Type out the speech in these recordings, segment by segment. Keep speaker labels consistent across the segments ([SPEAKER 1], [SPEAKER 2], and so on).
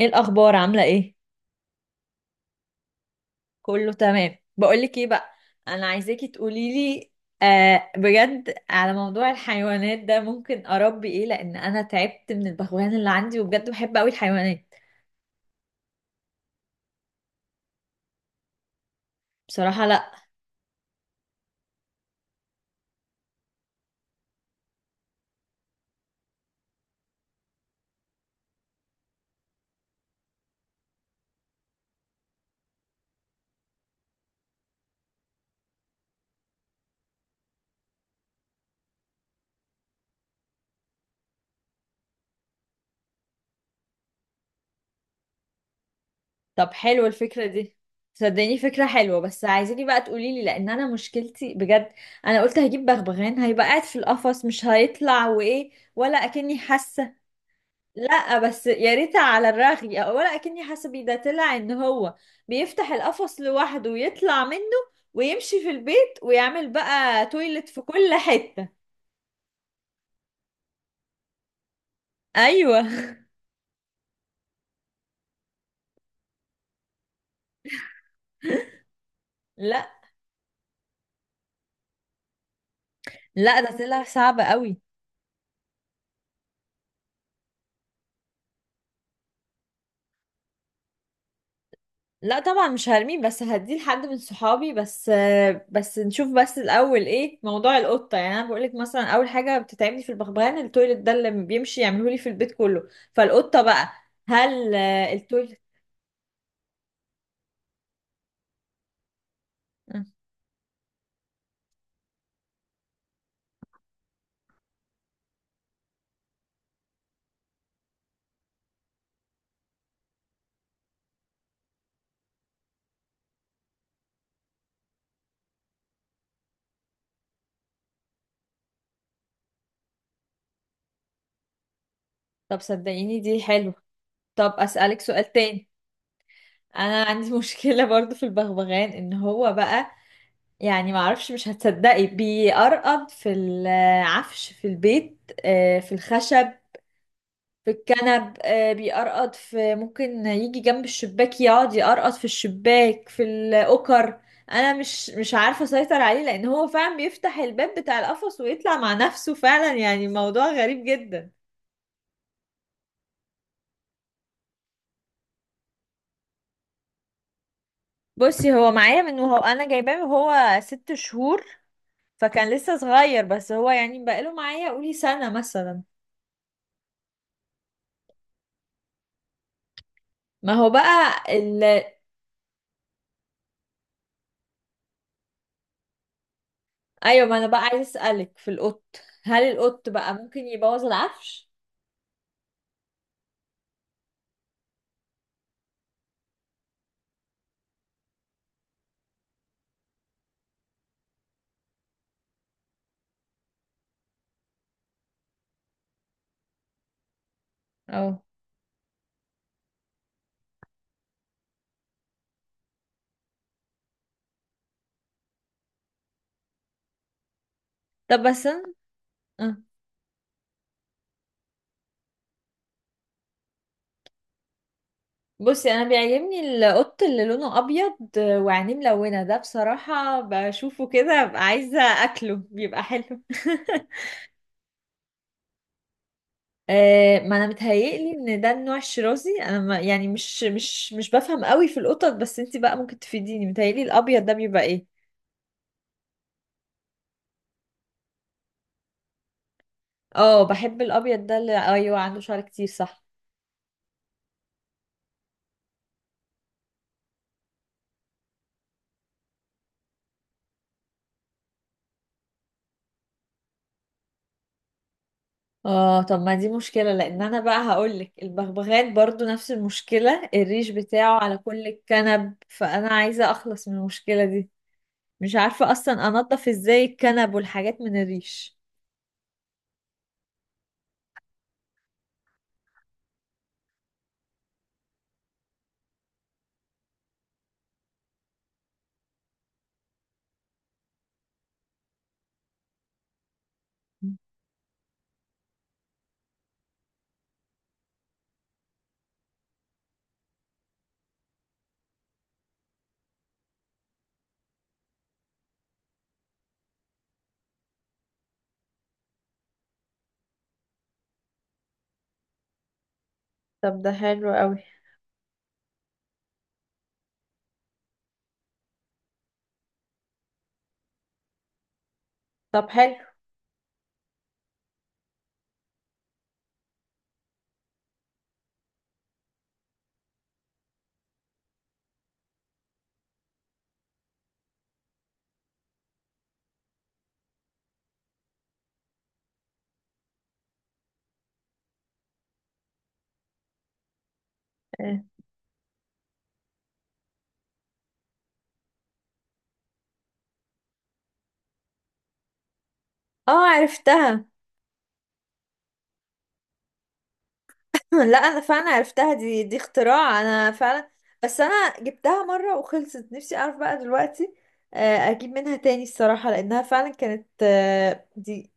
[SPEAKER 1] ايه الاخبار، عامله ايه؟ كله تمام. بقولك ايه بقى، انا عايزاكي تقوليلي. آه، بجد، على موضوع الحيوانات ده ممكن اربي ايه؟ لان انا تعبت من البغبغان اللي عندي، وبجد بحب قوي الحيوانات. بصراحه لا. طب حلوه الفكره دي. صدقيني فكره حلوه، بس عايزاكي بقى تقوليلي لان انا مشكلتي بجد. انا قلت هجيب بغبغان هيبقى قاعد في القفص مش هيطلع، وايه، ولا اكني حاسه. لا، بس يا ريت على الرغي، ولا اكني حاسبي ده طلع ان هو بيفتح القفص لوحده ويطلع منه، ويمشي في البيت ويعمل بقى تويلت في كل حتة. ايوه لا لا، ده طلع صعب قوي. لا طبعا مش هرميه، بس هديه لحد من صحابي بس. بس نشوف بس الاول ايه موضوع القطه. يعني انا بقولك مثلا اول حاجه بتتعبني في البغبغان التويلت ده اللي بيمشي يعمله لي في البيت كله. فالقطه بقى، هل التويلت؟ آه، طب صدقيني دي حلو. طب أسألك سؤال تاني. أنا عندي مشكلة برضو في البغبغان إن هو بقى، يعني معرفش، مش هتصدقي، بيقرقض في العفش في البيت، في الخشب، في الكنب، بيقرقض في، ممكن يجي جنب الشباك يقعد يقرقض في الشباك، في الأوكر. أنا مش عارفة أسيطر عليه، لأن هو فعلا بيفتح الباب بتاع القفص ويطلع مع نفسه، فعلا يعني موضوع غريب جدا. بصي هو معايا من وهو أنا جايباه وهو ست شهور، فكان لسه صغير، بس هو يعني بقاله معايا قولي سنة مثلا. ما هو بقى ايوه، ما انا بقى عايز اسألك في القط، هل القط بقى ممكن يبوظ العفش؟ اه. طب بس انا، آه. بصي انا بيعجبني القط اللي لونه ابيض وعينيه ملونة، ده بصراحة بشوفه كده ببقى عايزة اكله، بيبقى حلو ما انا متهيألي ان ده النوع الشرازي، انا ما يعني مش بفهم قوي في القطط، بس انتي بقى ممكن تفيديني. متهيألي الابيض ده بيبقى ايه؟ اه، بحب الابيض ده، اللي ايوه عنده شعر كتير صح. اه، طب ما دي مشكلة، لان انا بقى هقولك البغبغان برضو نفس المشكلة، الريش بتاعه على كل الكنب، فانا عايزة اخلص من المشكلة دي. مش عارفة اصلا انضف ازاي الكنب والحاجات من الريش. طب ده حلو قوي. طب حلو. آه، اه عرفتها. لا انا فعلا عرفتها، دي اختراع انا فعلا. بس انا جبتها مرة وخلصت نفسي، اعرف بقى دلوقتي اجيب منها تاني الصراحة، لانها فعلا كانت دي.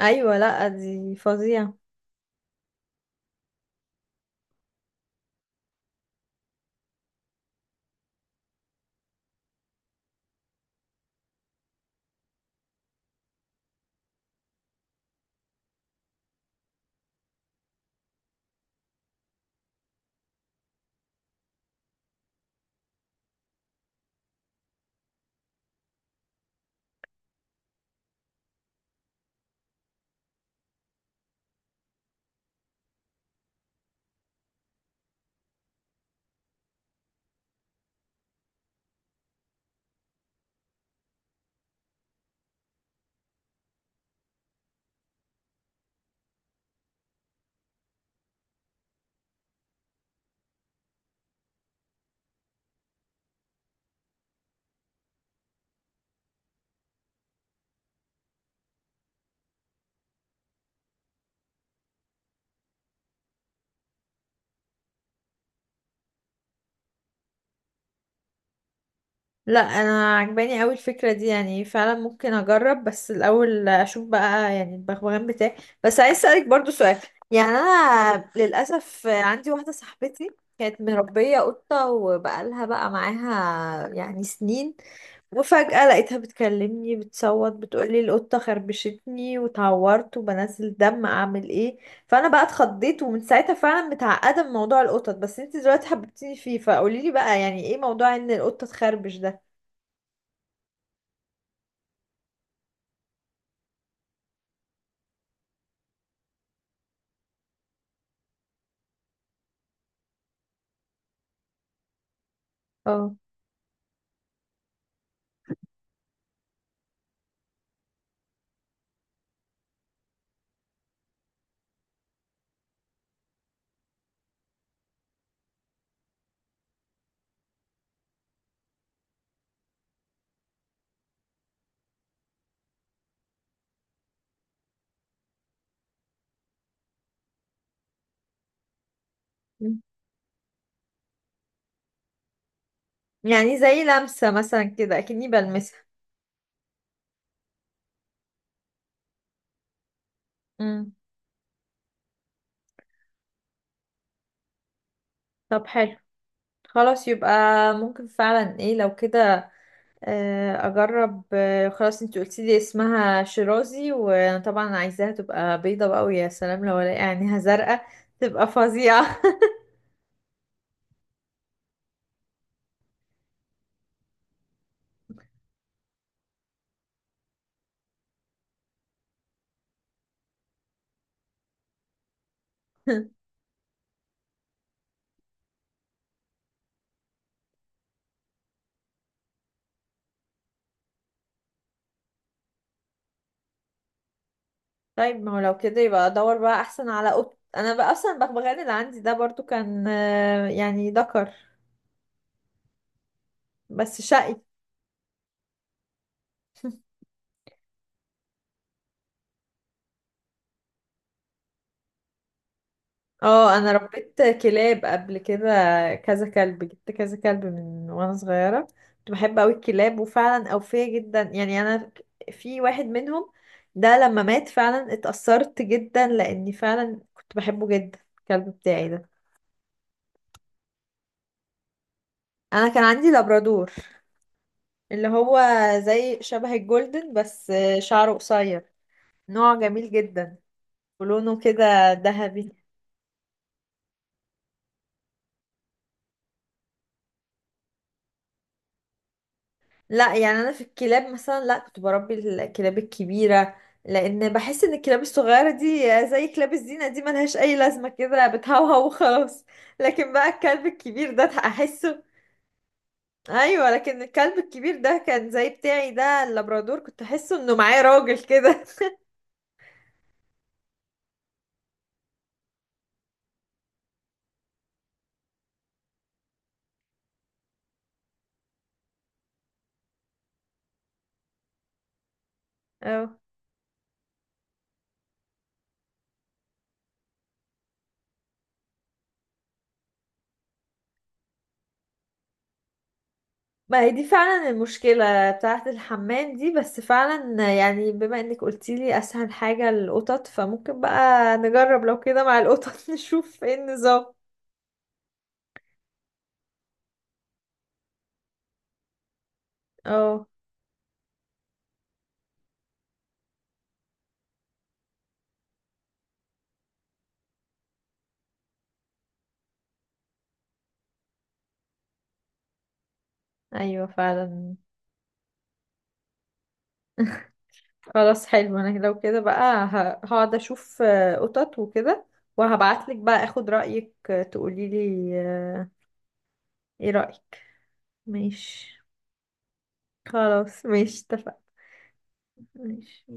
[SPEAKER 1] ايوه لا دي فظيعة. لا انا عجباني قوي الفكره دي، يعني فعلا ممكن اجرب بس الاول اشوف بقى يعني البغبغان بتاعي. بس عايز اسالك برضو سؤال. يعني انا للاسف عندي واحده صاحبتي كانت مربيه قطه وبقالها بقى معاها يعني سنين، وفجاه لقيتها بتكلمني بتصوت بتقولي القطه خربشتني وتعورت وبنزل دم، اعمل ايه؟ فانا بقى اتخضيت، ومن ساعتها فعلا متعقده من موضوع القطط، بس انت دلوقتي حببتيني فيه، فقوليلي بقى يعني ايه موضوع ان القطه تخربش ده؟ اه. مم. يعني زي لمسة مثلا كده أكني بلمسها. مم. طب حلو. خلاص يبقى ممكن فعلا ايه لو كده. أجرب. خلاص، انتي قلتيلي اسمها شيرازي، وأنا طبعا عايزاها تبقى بيضة بقى، ويا سلام لو الاقي عينيها زرقاء تبقى فظيعة. طيب ما هو لو كده يبقى ادور بقى احسن على قط، انا بقى اصلا البغبغان اللي عندي ده برضو كان يعني ذكر، بس شقي. اه، انا ربيت كلاب قبل كده، كذا كلب، جبت كذا كلب من وانا صغيره، كنت بحب قوي الكلاب وفعلا اوفيه جدا، يعني انا في واحد منهم، ده لما مات فعلا اتأثرت جدا لاني فعلا كنت بحبه جدا، الكلب بتاعي ده. انا كان عندي لابرادور، اللي هو زي شبه الجولدن بس شعره قصير، نوع جميل جدا، ولونه كده ذهبي. لا يعني انا في الكلاب مثلا، لا كنت بربي الكلاب الكبيره، لان بحس ان الكلاب الصغيره دي زي كلاب الزينه، دي ملهاش اي لازمه، كده بتهوهو وخلاص. لكن بقى الكلب الكبير ده احسه، ايوه، لكن الكلب الكبير ده كان زي بتاعي ده اللابرادور، كنت احسه انه معاه راجل كده. اه، ما هي دي فعلا المشكله بتاعه الحمام دي، بس فعلا يعني بما انك قلتيلي اسهل حاجه القطط، فممكن بقى نجرب لو كده مع القطط نشوف ايه النظام. اه. ايوه فعلا. خلاص حلو، انا لو كده بقى هقعد اشوف قطط وكده، وهبعتلك بقى اخد رأيك، تقوليلي ايه رأيك. ماشي. خلاص ماشي اتفقنا. ماشي.